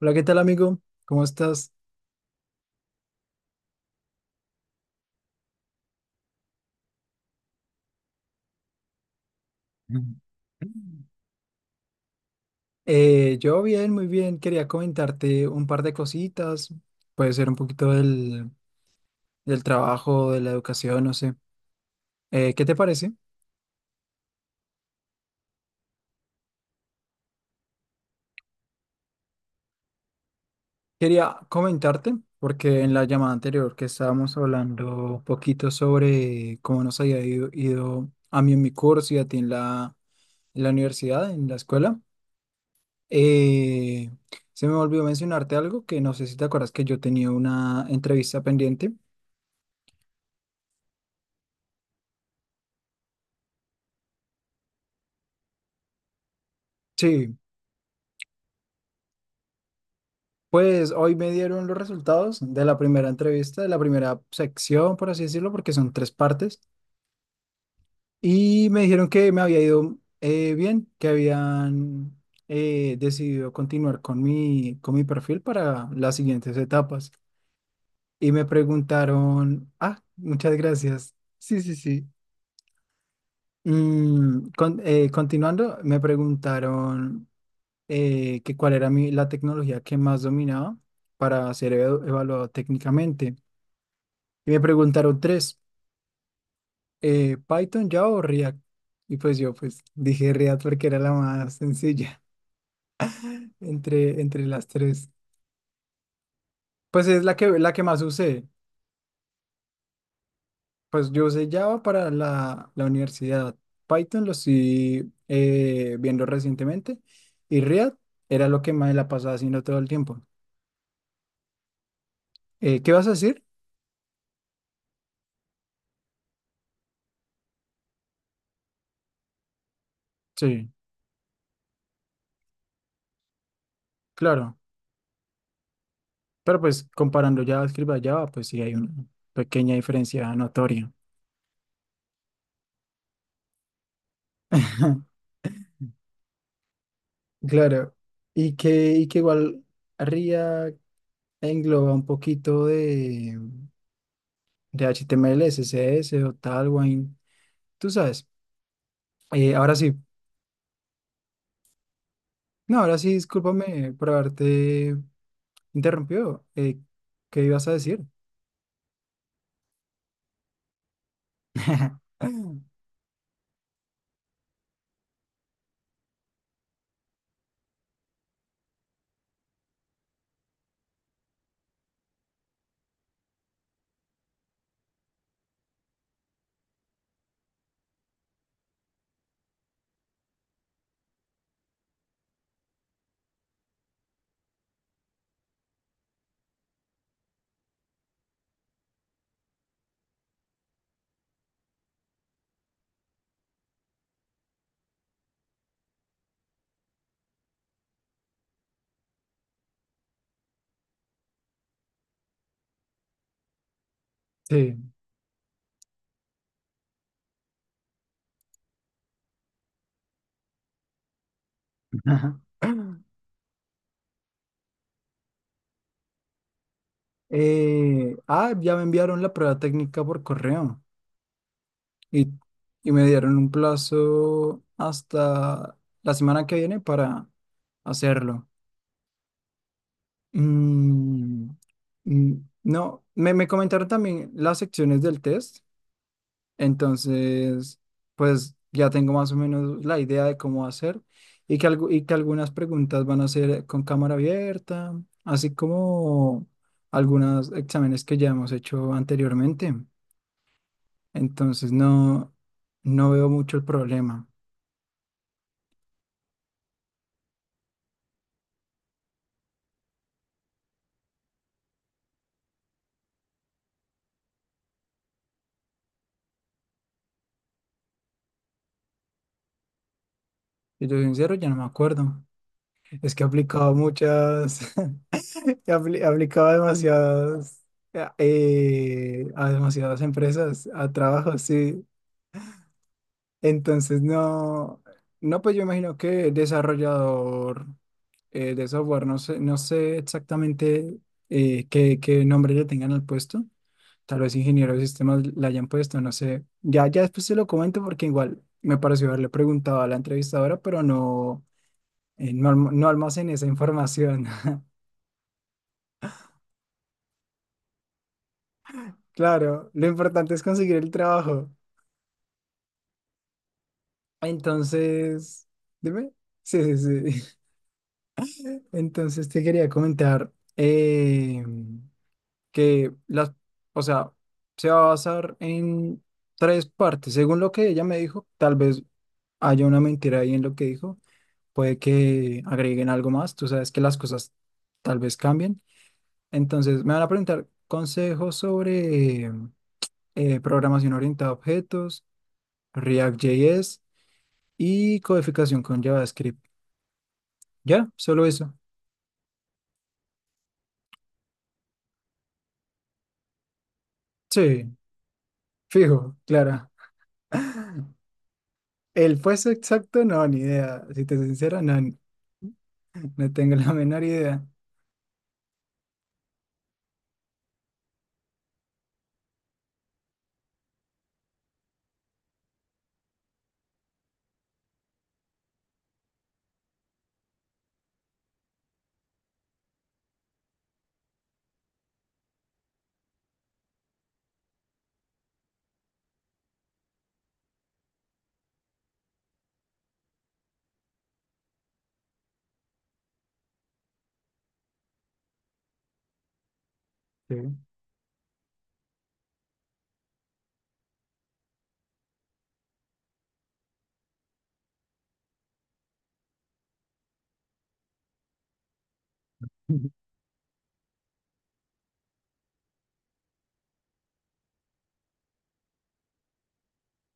Hola, ¿qué tal amigo? ¿Cómo estás? Mm. Yo bien, muy bien. Quería comentarte un par de cositas. Puede ser un poquito del trabajo, de la educación, no sé. ¿Qué te parece? Quería comentarte, porque en la llamada anterior que estábamos hablando un poquito sobre cómo nos había ido a mí en mi curso y a ti en la universidad, en la escuela, eh, se me olvidó mencionarte algo que no sé si te acuerdas que yo tenía una entrevista pendiente. Sí, pues hoy me dieron los resultados de la primera entrevista, de la primera sección, por así decirlo, porque son tres partes, y me dijeron que me había ido bien, que habían decidido continuar con mi perfil para las siguientes etapas. Y me preguntaron, ah, muchas gracias. Sí, sí, sí. Continuando, me preguntaron que cuál era la tecnología que más dominaba para ser evaluado técnicamente. Y me preguntaron tres, ¿Python, Java o React? Y pues yo pues dije React porque era la más sencilla entre las tres. Pues es la que más usé. Pues yo usé Java para la universidad. Python lo estoy viendo recientemente. Y React era lo que más la pasaba haciendo todo el tiempo. ¿Qué vas a decir? Sí, claro. Pero pues comparando JavaScript a Java, pues sí hay una pequeña diferencia notoria. Claro, y que igual RIA engloba un poquito de HTML, CSS o Tailwind, tú sabes. Ahora sí, no, ahora sí, discúlpame por haberte interrumpido. ¿Qué ibas a decir? Sí. Ajá. Ya me enviaron la prueba técnica por correo y, y me dieron un plazo hasta la semana que viene para hacerlo. Mm, mm, no, me comentaron también las secciones del test, entonces pues ya tengo más o menos la idea de cómo hacer y que algunas preguntas van a ser con cámara abierta, así como algunos exámenes que ya hemos hecho anteriormente. Entonces no veo mucho el problema. Si yo soy sincero, ya no me acuerdo. Es que he aplicado muchas, aplicaba demasiadas, a demasiadas empresas, a trabajos, sí. Entonces, no, no, pues yo imagino que desarrollador de software, no sé, no sé exactamente qué nombre le tengan al puesto. Tal vez ingeniero de sistemas le hayan puesto, no sé. Ya, ya después se lo comento porque igual me pareció haberle preguntado a la entrevistadora, pero no, no, no almacené esa información. Claro, lo importante es conseguir el trabajo. Entonces, dime. Sí, sí, sí. Entonces te quería comentar que las, o sea, se va a basar en tres partes. Según lo que ella me dijo, tal vez haya una mentira ahí en lo que dijo. Puede que agreguen algo más. Tú sabes que las cosas tal vez cambien. Entonces, me van a preguntar consejos sobre programación orientada a objetos, React.js y codificación con JavaScript. ¿Ya? Solo eso. Sí, fijo, claro. El peso exacto, no, ni idea. Si te soy sincero, no, tengo la menor idea. Sí.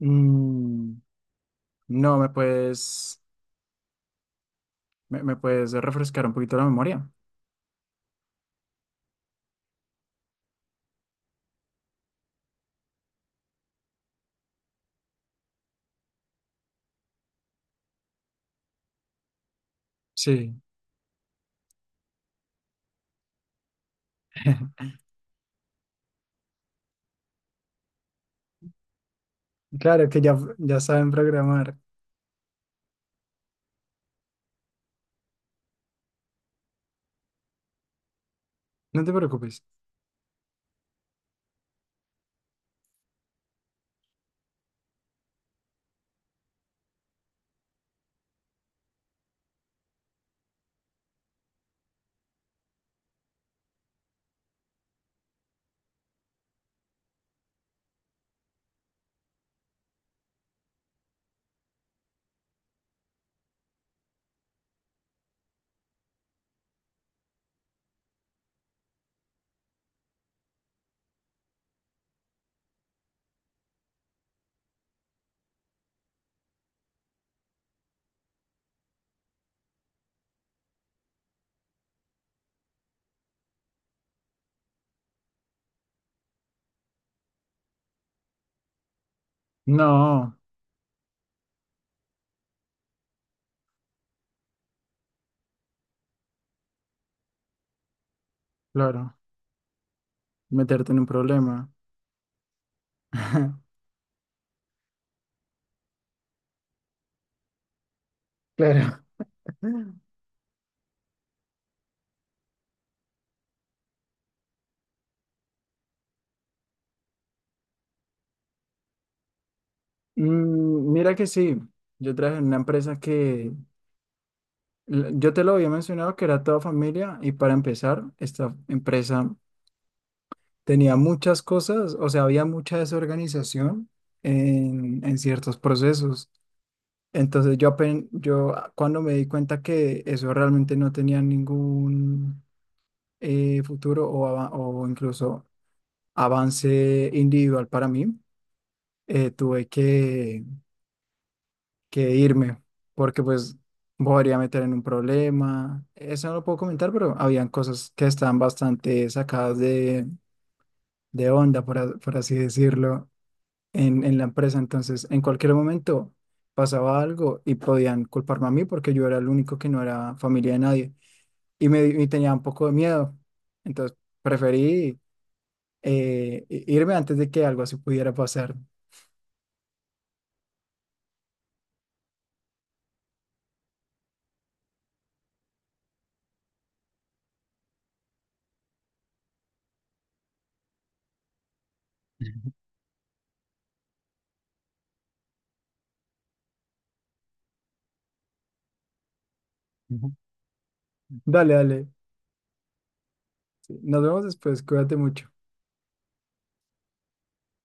Mm, no, me puedes refrescar un poquito la memoria. Sí, claro que ya, ya saben programar. No te preocupes. No, claro, meterte en un problema. Claro. Mira que sí, yo trabajé en una empresa Yo te lo había mencionado que era toda familia y para empezar, esta empresa tenía muchas cosas, o sea, había mucha desorganización en ciertos procesos. Entonces yo, cuando me di cuenta que eso realmente no tenía ningún futuro o incluso avance individual para mí, tuve que irme, porque pues me podría meter en un problema. Eso no lo puedo comentar, pero habían cosas que estaban bastante sacadas de onda, por así decirlo, en la empresa. Entonces, en cualquier momento pasaba algo y podían culparme a mí porque yo era el único que no era familia de nadie y tenía un poco de miedo. Entonces, preferí irme antes de que algo así pudiera pasar. Ujú. Dale, dale. Nos vemos después. Cuídate mucho.